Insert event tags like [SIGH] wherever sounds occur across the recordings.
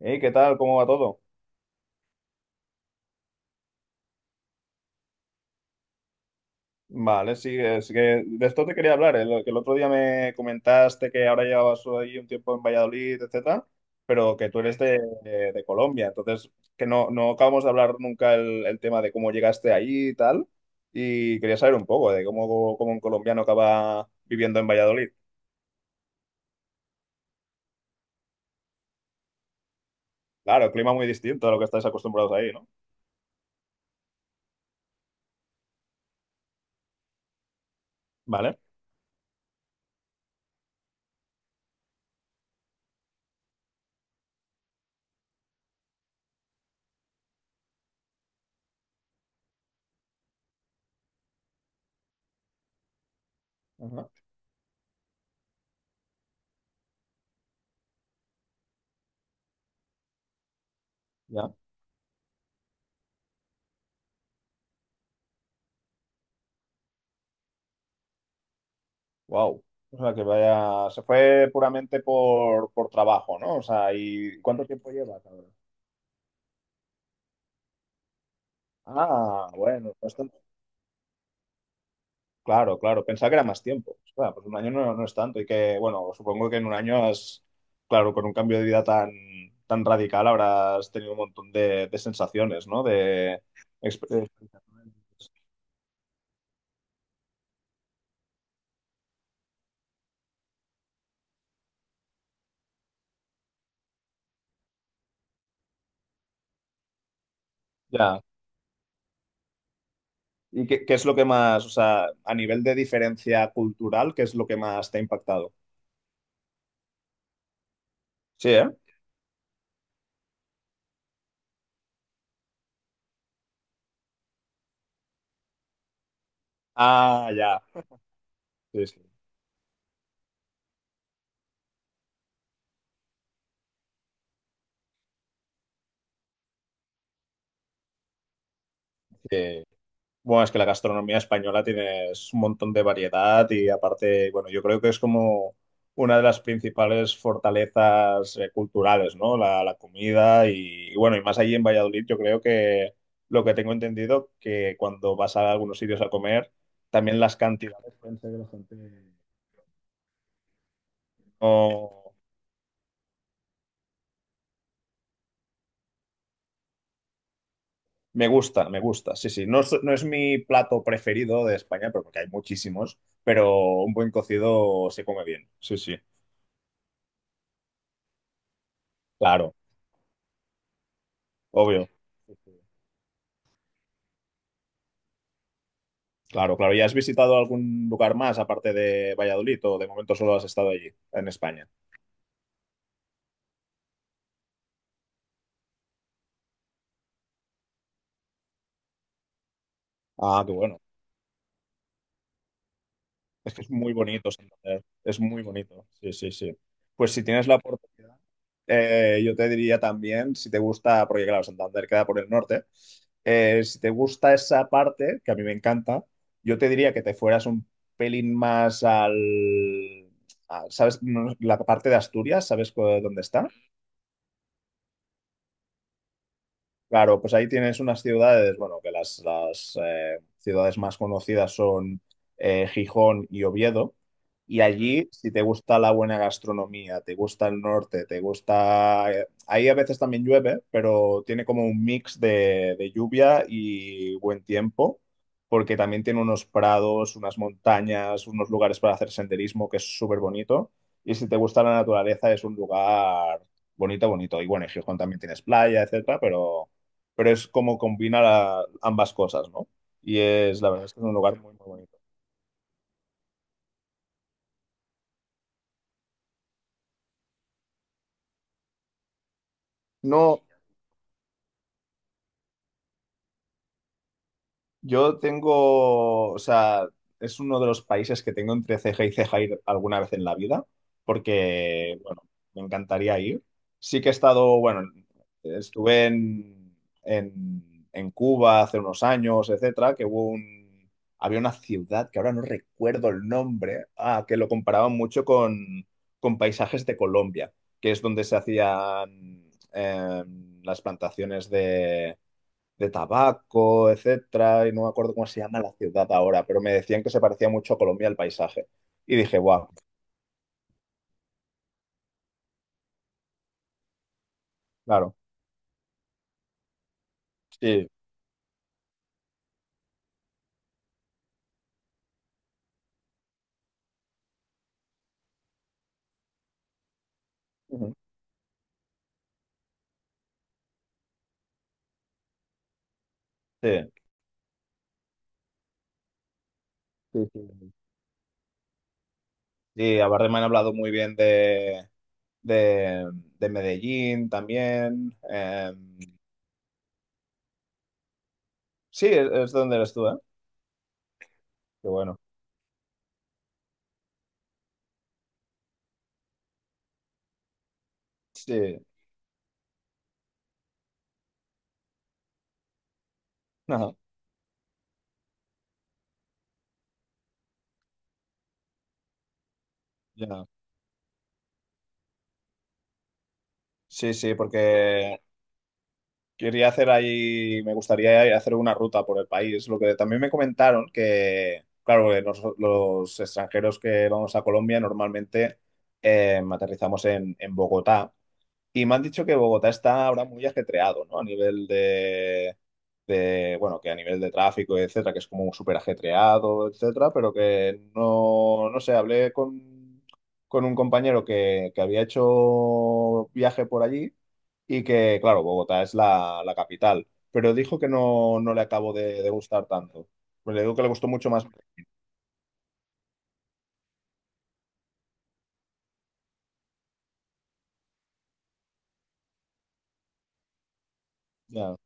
Hey, ¿qué tal? ¿Cómo va todo? Vale, sí, es que de esto te quería hablar, lo que el otro día me comentaste que ahora llevabas ahí un tiempo en Valladolid, etcétera, pero que tú eres de Colombia, entonces que no acabamos de hablar nunca el tema de cómo llegaste ahí y tal, y quería saber un poco de cómo un colombiano acaba viviendo en Valladolid. Claro, clima muy distinto a lo que estáis acostumbrados ahí, ¿no? Vale. Ajá. Ya. Wow. O sea, que vaya, se fue puramente por trabajo, ¿no? O sea, ¿y cuánto tiempo llevas ahora? Ah, bueno, no es tanto. Claro, claro, pensaba que era más tiempo. Claro, pues un año no es tanto y que, bueno, supongo que en un año has, claro, con un cambio de vida tan, tan radical habrás tenido un montón de sensaciones, ¿no? De exper- ya. ¿Y qué es lo que más, o sea, a nivel de diferencia cultural, qué es lo que más te ha impactado? Sí, ¿eh? Ah, ya. Sí, sí. Sí. Bueno, es que la gastronomía española tienes un montón de variedad y aparte, bueno, yo creo que es como una de las principales fortalezas culturales, ¿no? La comida y bueno, y más allí en Valladolid, yo creo que lo que tengo entendido, que cuando vas a algunos sitios a comer, también las cantidades pueden ser de bastante... No, me gusta, sí, sí. No, no es mi plato preferido de España, pero porque hay muchísimos, pero un buen cocido se come bien, sí, sí, claro. Obvio. Sí, sí. Claro, claro. ¿Y has visitado algún lugar más aparte de Valladolid o de momento solo has estado allí, en España? Ah, qué bueno. Es que es muy bonito, Santander. Es muy bonito. Sí, sí, sí. Pues si tienes la oportunidad, yo te diría también, si te gusta, porque claro, Santander queda por el norte, si te gusta esa parte, que a mí me encanta, yo te diría que te fueras un pelín más al... ¿sabes? No, la parte de Asturias, ¿dónde está? Claro, pues ahí tienes unas ciudades, bueno, que ciudades más conocidas son Gijón y Oviedo. Y allí, si te gusta la buena gastronomía, te gusta el norte, te gusta... ahí a veces también llueve, pero tiene como un mix de lluvia y buen tiempo, porque también tiene unos prados, unas montañas, unos lugares para hacer senderismo, que es súper bonito. Y si te gusta la naturaleza, es un lugar bonito, bonito. Y bueno, en Gijón también tienes playa, etcétera, pero es como combina ambas cosas, ¿no? Y es, la verdad, es que es un lugar muy, muy bonito. No, yo tengo, o sea, es uno de los países que tengo entre ceja y ceja ir alguna vez en la vida, porque, bueno, me encantaría ir. Sí que he estado, bueno, estuve en Cuba hace unos años, etcétera, que había una ciudad que ahora no recuerdo el nombre, ah, que lo comparaban mucho con paisajes de Colombia, que es donde se hacían las plantaciones de tabaco, etcétera, y no me acuerdo cómo se llama la ciudad ahora, pero me decían que se parecía mucho a Colombia el paisaje. Y dije, wow, claro, sí, ujú, sí, sí, sí. Sí, aparte me han hablado muy bien de, de Medellín también. Sí, es donde eres tú, ¿eh? Qué bueno. Sí, ajá, ya. Sí, sí, porque quería hacer ahí, me gustaría hacer una ruta por el país. Lo que también me comentaron que, claro, que los extranjeros que vamos a Colombia normalmente aterrizamos en Bogotá y me han dicho que Bogotá está ahora muy ajetreado, ¿no? A nivel de, bueno, que a nivel de tráfico, etcétera, que es como súper ajetreado, etcétera, pero que no, no sé, hablé con un compañero que había hecho viaje por allí y que, claro, Bogotá es la capital, pero dijo que no, no le acabó de gustar tanto. Pues le digo que le gustó mucho más. Ya,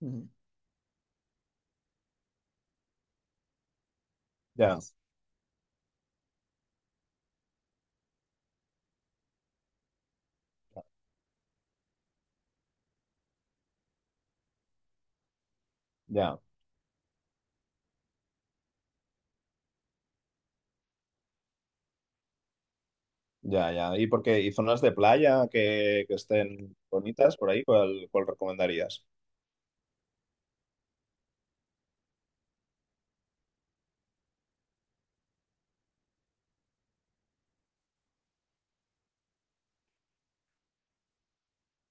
ujú, ya, ya, ya, ya. ¿Y porque ¿y zonas de playa que estén bonitas por ahí? ¿Cuál recomendarías?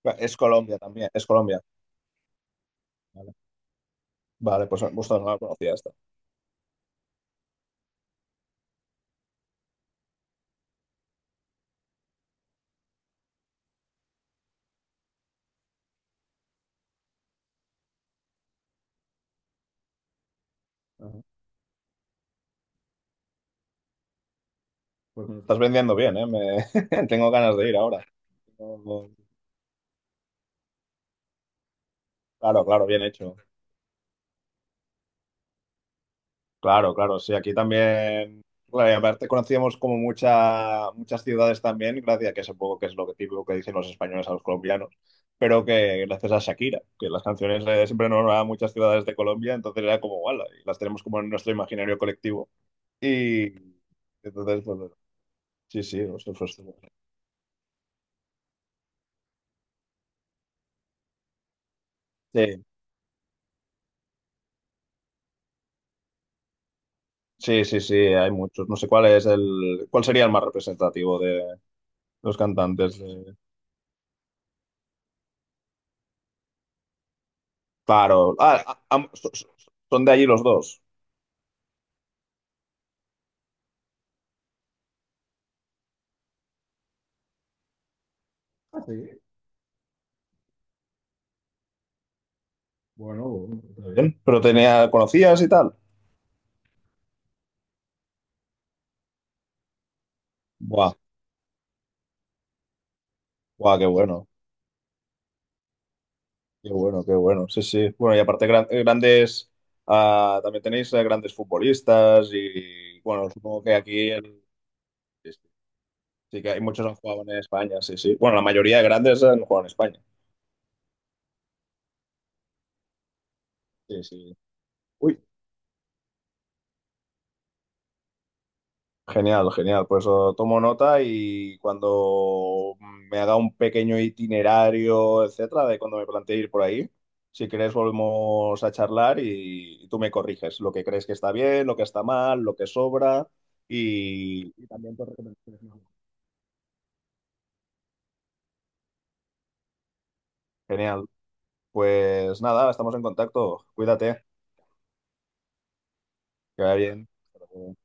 Bueno, es Colombia también, es Colombia. Vale, vale, pues justo no la conocía esta. Ajá. Pues me estás vendiendo bien, ¿eh? Me- [LAUGHS] tengo ganas de ir ahora. No- no- claro, claro, bien hecho. Claro, claro, sí, aquí también, claro, y aparte conocíamos como mucha, muchas ciudades también, gracias a que supongo que es lo que típico que dicen los españoles a los colombianos, pero que gracias a Shakira, que las canciones siempre nos a muchas ciudades de Colombia, entonces era como, "Guala", y las tenemos como en nuestro imaginario colectivo. Y entonces, pues, bueno, sí, sí, o sea, pues, sí, sí, sí, sí, hay muchos. No sé cuál es el, cuál sería el más representativo de los cantantes. De- claro, ah, ah, am- so- so- son de allí los dos. Ah, sí. Bueno, bueno, está bien. Pero tenía, ¿conocías y tal? Buah, buah, qué bueno, qué bueno, qué bueno. Sí, sí. Bueno, y aparte grandes, ah, también tenéis grandes futbolistas y bueno, supongo que aquí en- sí, sí, sí que hay muchos que han jugado en España, sí, sí. Bueno, la mayoría de grandes han jugado en España. Sí, sí. Uy, genial, genial. Pues oh, tomo nota y cuando me haga un pequeño itinerario, etcétera, de cuando me planteé ir por ahí, si quieres volvemos a charlar y tú me corriges lo que crees que está bien, lo que está mal, lo que sobra y también tus recomendaciones. ¿No? Genial. Pues nada, estamos en contacto. Cuídate, que vaya bien. Hasta luego.